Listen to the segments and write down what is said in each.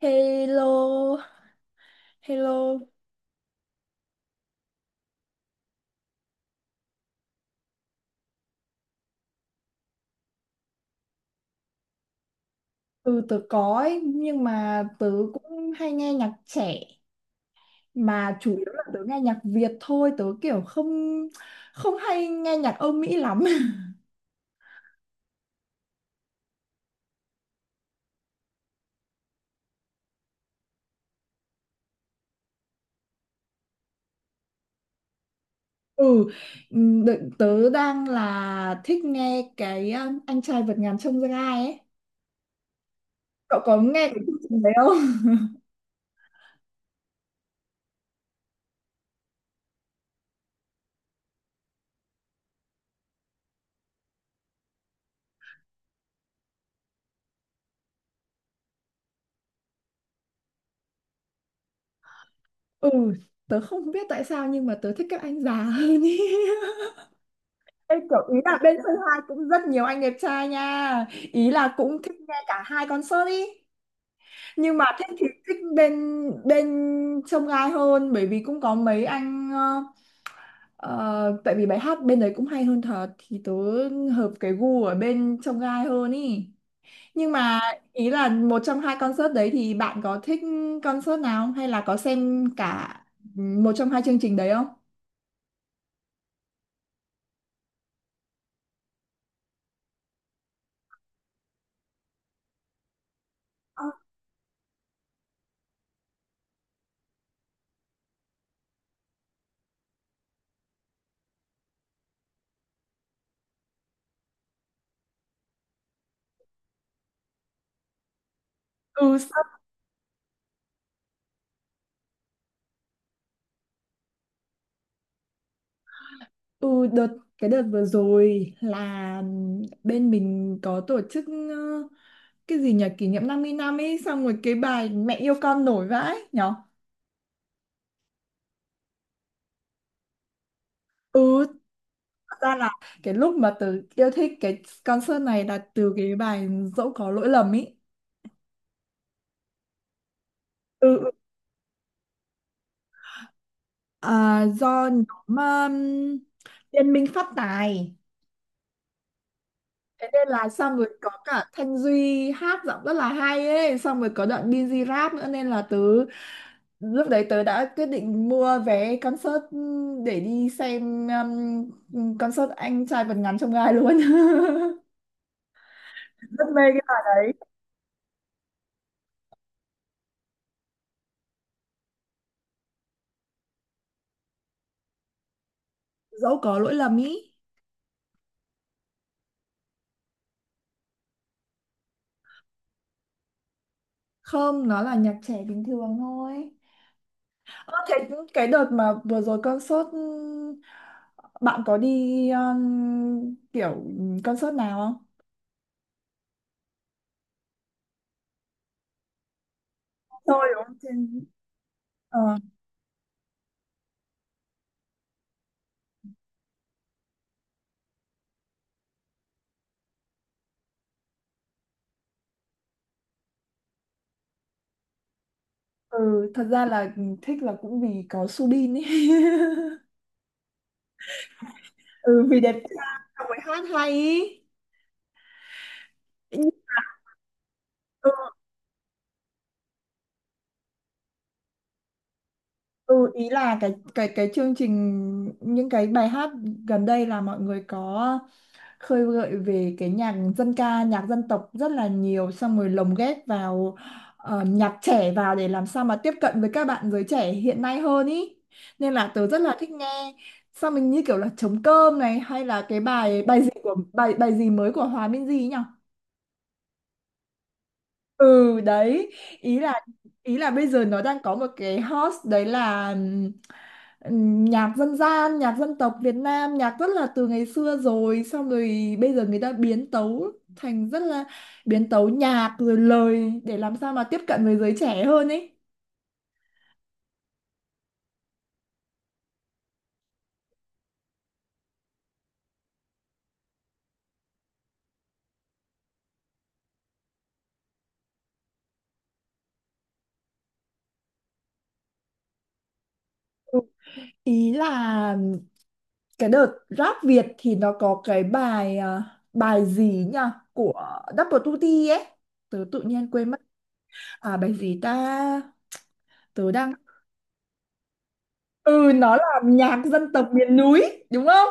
Hello, hello. Ừ, tớ có ấy, nhưng mà tớ cũng hay nghe nhạc trẻ, mà chủ yếu là tớ nghe nhạc Việt thôi, tớ kiểu không không hay nghe nhạc Âu Mỹ lắm. Ừ, Tớ đang là thích nghe cái anh trai vượt ngàn chông gai ấy. Cậu có nghe cái chương trình đấy không? Ừ, tớ không biết tại sao nhưng mà tớ thích các anh già hơn ý. Ê, kiểu ý là bên Sơn Hai cũng rất nhiều anh đẹp trai nha, ý là cũng thích nghe cả hai concert ý, nhưng mà thích thì thích bên bên trông gai hơn, bởi vì cũng có mấy anh tại vì bài hát bên đấy cũng hay hơn thật, thì tớ hợp cái gu ở bên trông gai hơn ý. Nhưng mà ý là một trong hai concert đấy thì bạn có thích concert nào không, hay là có xem cả một trong hai chương trình đấy không? Ừ. Ừ, cái đợt vừa rồi là bên mình có tổ chức cái gì nhỉ, kỷ niệm 50 năm ấy, xong rồi cái bài mẹ yêu con nổi vãi nhở. Ừ, thật ra là cái lúc mà tớ yêu thích cái concert này là từ cái bài dẫu có lỗi lầm ấy. ừ ừ. À, do nhóm Liên minh phát tài. Thế nên là xong rồi có cả Thanh Duy hát giọng rất là hay ấy. Xong rồi có đoạn Binz rap nữa. Nên là tớ lúc đấy tớ đã quyết định mua vé concert, ừ, để đi xem concert anh trai vượt ngàn chông gai luôn. Rất mê cái bài đấy. Dẫu có lỗi lầm ý. Không, nó là nhạc trẻ bình thường thôi. Ơ thế, cái đợt mà vừa rồi concert bạn có đi kiểu concert nào không? Tôi đúng không? Trên... ờ ừ, thật ra là thích là cũng vì có Subin ấy. Ừ vì đẹp trai, xong rồi hát hay ý. Nhưng ừ, ừ, ý là cái chương trình, những cái bài hát gần đây là mọi người có khơi gợi về cái nhạc dân ca, nhạc dân tộc rất là nhiều, xong rồi lồng ghép vào nhạc trẻ vào để làm sao mà tiếp cận với các bạn giới trẻ hiện nay hơn ý, nên là tớ rất là thích nghe. Xong mình như kiểu là trống cơm này, hay là cái bài bài gì của bài bài gì mới của Hòa Minzy nhỉ. Ừ đấy, ý là ý là bây giờ nó đang có một cái hot, đấy là nhạc dân gian, nhạc dân tộc Việt Nam, nhạc rất là từ ngày xưa rồi, xong rồi bây giờ người ta biến tấu thành rất là, biến tấu nhạc rồi lời để làm sao mà tiếp cận với giới trẻ hơn ấy. Ừ. Ý là cái đợt rap Việt thì nó có cái bài bài gì nhỉ, của Double 2T ấy, tớ tự nhiên quên mất. À bài gì ta, tớ đang, ừ nó là nhạc dân tộc miền núi đúng không.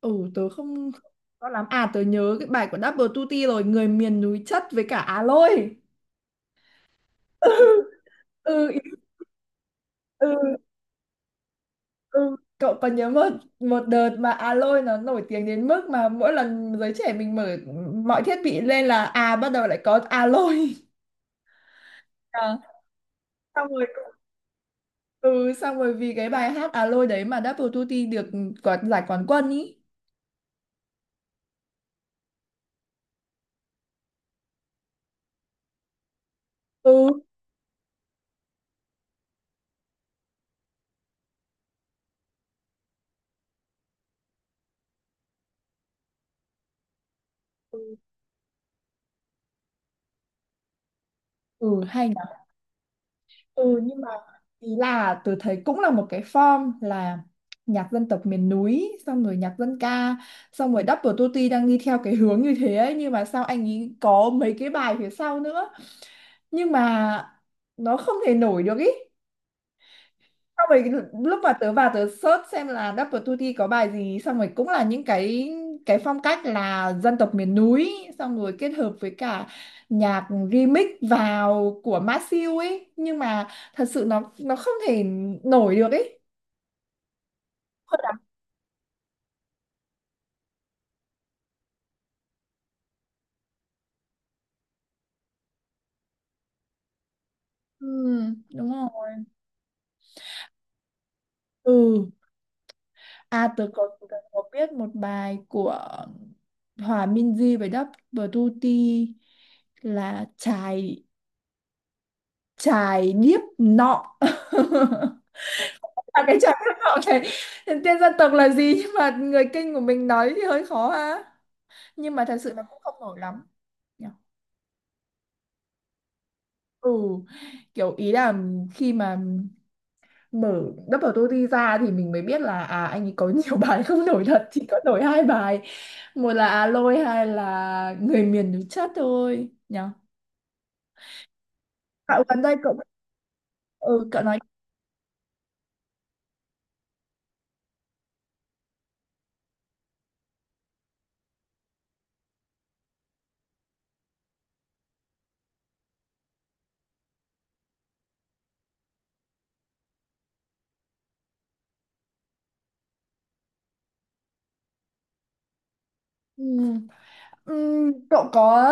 Ừ tớ không không rõ lắm, à tớ nhớ cái bài của Double Tutti rồi, người miền núi chất với cả Á Lôi. Ừ. Ừ. Ừ ừ. Cậu còn nhớ một một đợt mà Á Lôi nó nổi tiếng đến mức mà mỗi lần giới trẻ mình mở mọi thiết bị lên là à bắt đầu lại có Á Lôi. À, xong rồi, ừ xong rồi vì cái bài hát Á Lôi đấy mà Double Tutti được quả, giải quán quân ý. Ừ ừ hay. Ừ nhưng mà ý là tôi thấy cũng là một cái form là nhạc dân tộc miền núi, xong rồi nhạc dân ca, xong rồi Double Tutti đang đi theo cái hướng như thế ấy, nhưng mà sao anh ấy có mấy cái bài phía sau nữa, nhưng mà nó không thể nổi được ý. Xong rồi lúc mà tớ vào tớ search xem là Double Tutti có bài gì, xong rồi cũng là những cái phong cách là dân tộc miền núi, xong rồi kết hợp với cả nhạc remix vào của Masew ấy, nhưng mà thật sự nó không thể nổi được ấy. Hơi đặc. Ừ, đúng rồi. Ừ à tớ có biết một bài của Hòa Minzy với Double Tutti là chài chài điếc nọ, là cái chài điếc nọ này, tên dân tộc là gì nhưng mà người Kinh của mình nói thì hơi khó ha, nhưng mà thật sự là cũng không nổi lắm nhỉ? Ừ, kiểu ý là khi mà mở Double TOTY ra thì mình mới biết là à anh ấy có nhiều bài không nổi thật, chỉ có nổi hai bài, một là à lôi, hai là người miền núi chất thôi nhỉ. Cậu gần đây cậu, ừ cậu nói. Ừ. Cậu có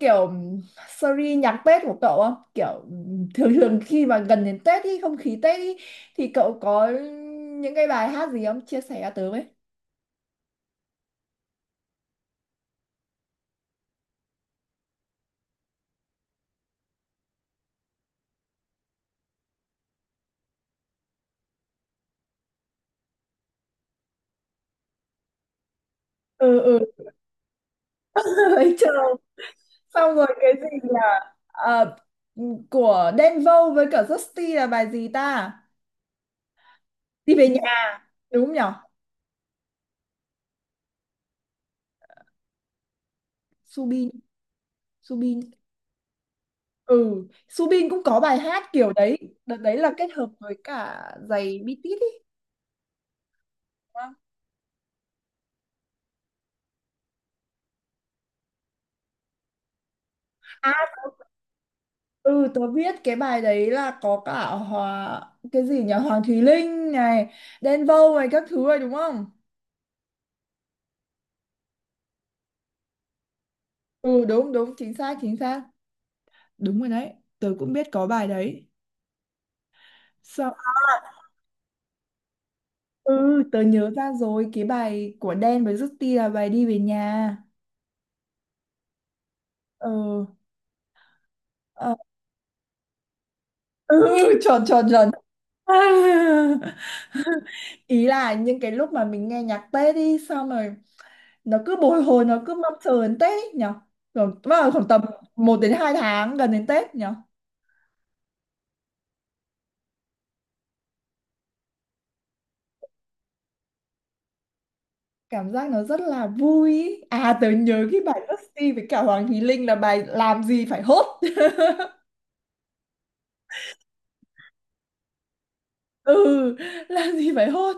kiểu series nhạc Tết của cậu không? Kiểu thường thường khi mà gần đến Tết ý, không khí Tết ý, thì cậu có những cái bài hát gì không? Chia sẻ cho tớ với. Ừ ừ, ấy chờ. Xong rồi cái gì là ờ, của Đen Vâu với cả Justy là bài gì ta? Đi về nhà, đúng không nhở? Subin, Subin. Ừ, Subin cũng có bài hát kiểu đấy. Đợt đấy là kết hợp với cả giày bi tít ý. Ừ, tớ biết cái bài đấy là có cả Hòa, cái gì nhỉ, Hoàng Thùy Linh này, Đen Vâu này, các thứ rồi đúng không? Ừ đúng đúng, chính xác chính xác, đúng rồi đấy, tớ cũng biết có bài đấy. Sao à, ừ tớ nhớ ra rồi, cái bài của Đen với Justin là bài đi về nhà. Ừ. Ờ, ừ, tròn tròn tròn. Ý là những cái lúc mà mình nghe nhạc Tết đi, xong rồi nó cứ bồi hồi, nó cứ mong chờ đến Tết nhở, rồi vào khoảng tầm 1 đến 2 tháng gần đến Tết nhở. Cảm giác nó rất là vui ý. À tớ nhớ cái bài Dusty với cả Hoàng Thùy Linh là bài làm gì phải hốt. Ừ, làm gì phải hốt,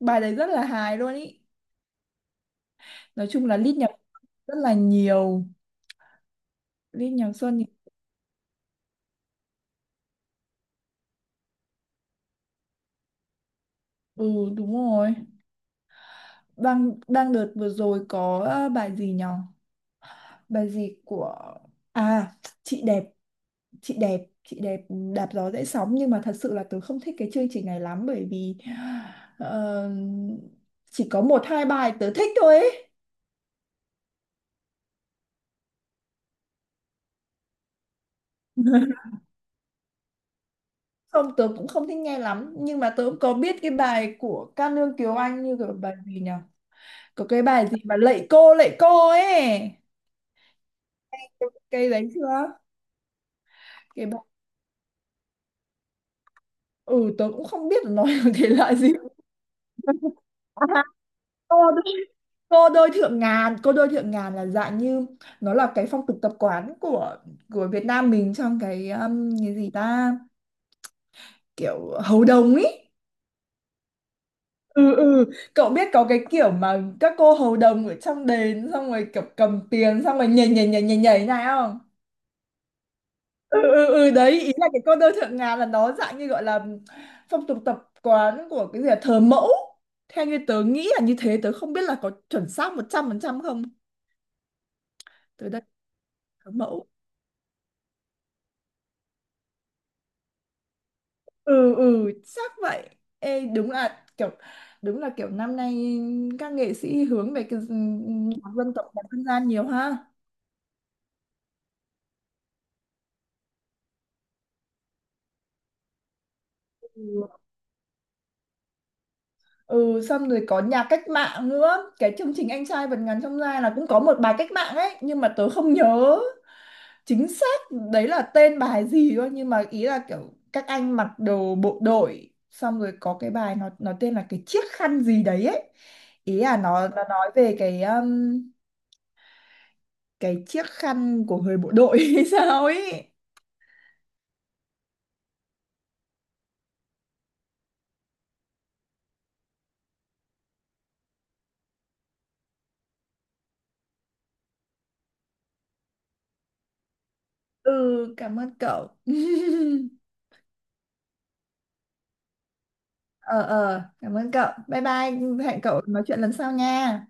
bài đấy rất là hài luôn ý. Nói chung là lít nhà rất là nhiều lít nhà Xuân thì- ừ đúng rồi. Đang đang đợt vừa rồi có bài gì nhở, bài gì của, à, chị đẹp, chị đẹp đạp gió dễ sóng, nhưng mà thật sự là tớ không thích cái chương trình này lắm, bởi vì ờ, chỉ có một hai bài tớ thích thôi ấy. Không tớ cũng không thích nghe lắm, nhưng mà tớ cũng có biết cái bài của Ca Nương Kiều Anh, như cái bài gì nhỉ, có cái bài gì mà lạy cô ấy, cái đấy chưa. Cái bài... ừ tớ cũng không biết là nó là thể loại gì. À, cô đôi thượng ngàn, cô đôi thượng ngàn là dạng như, nó là cái phong tục tập quán của Việt Nam mình trong cái gì ta, kiểu hầu đồng ý. Ừ ừ, cậu biết có cái kiểu mà các cô hầu đồng ở trong đền xong rồi kiểu cầm tiền xong rồi nhảy nhảy nhảy nhảy nhảy này không. Ừ ừ ừ đấy, ý là cái cô đôi thượng ngàn là nó dạng như gọi là phong tục tập quán của cái gì là thờ mẫu, theo như tớ nghĩ là như thế, tớ không biết là có chuẩn xác 100% không. Tớ đây thờ mẫu. Ừ ừ chắc vậy. Ê, đúng là kiểu, đúng là kiểu năm nay các nghệ sĩ hướng về cái nhạc dân tộc, nhạc dân gian nhiều ha. Ừ xong rồi có nhạc cách mạng nữa, cái chương trình anh trai vượt ngàn chông gai là cũng có một bài cách mạng ấy, nhưng mà tớ không nhớ chính xác đấy là tên bài gì thôi, nhưng mà ý là kiểu các anh mặc đồ bộ đội, xong rồi có cái bài nó tên là cái chiếc khăn gì đấy ấy, ý là nó nói về cái chiếc khăn của người bộ đội hay sao ấy. Ừ cảm ơn cậu. Ờ ờ cảm ơn cậu, bye bye, hẹn cậu nói chuyện lần sau nha.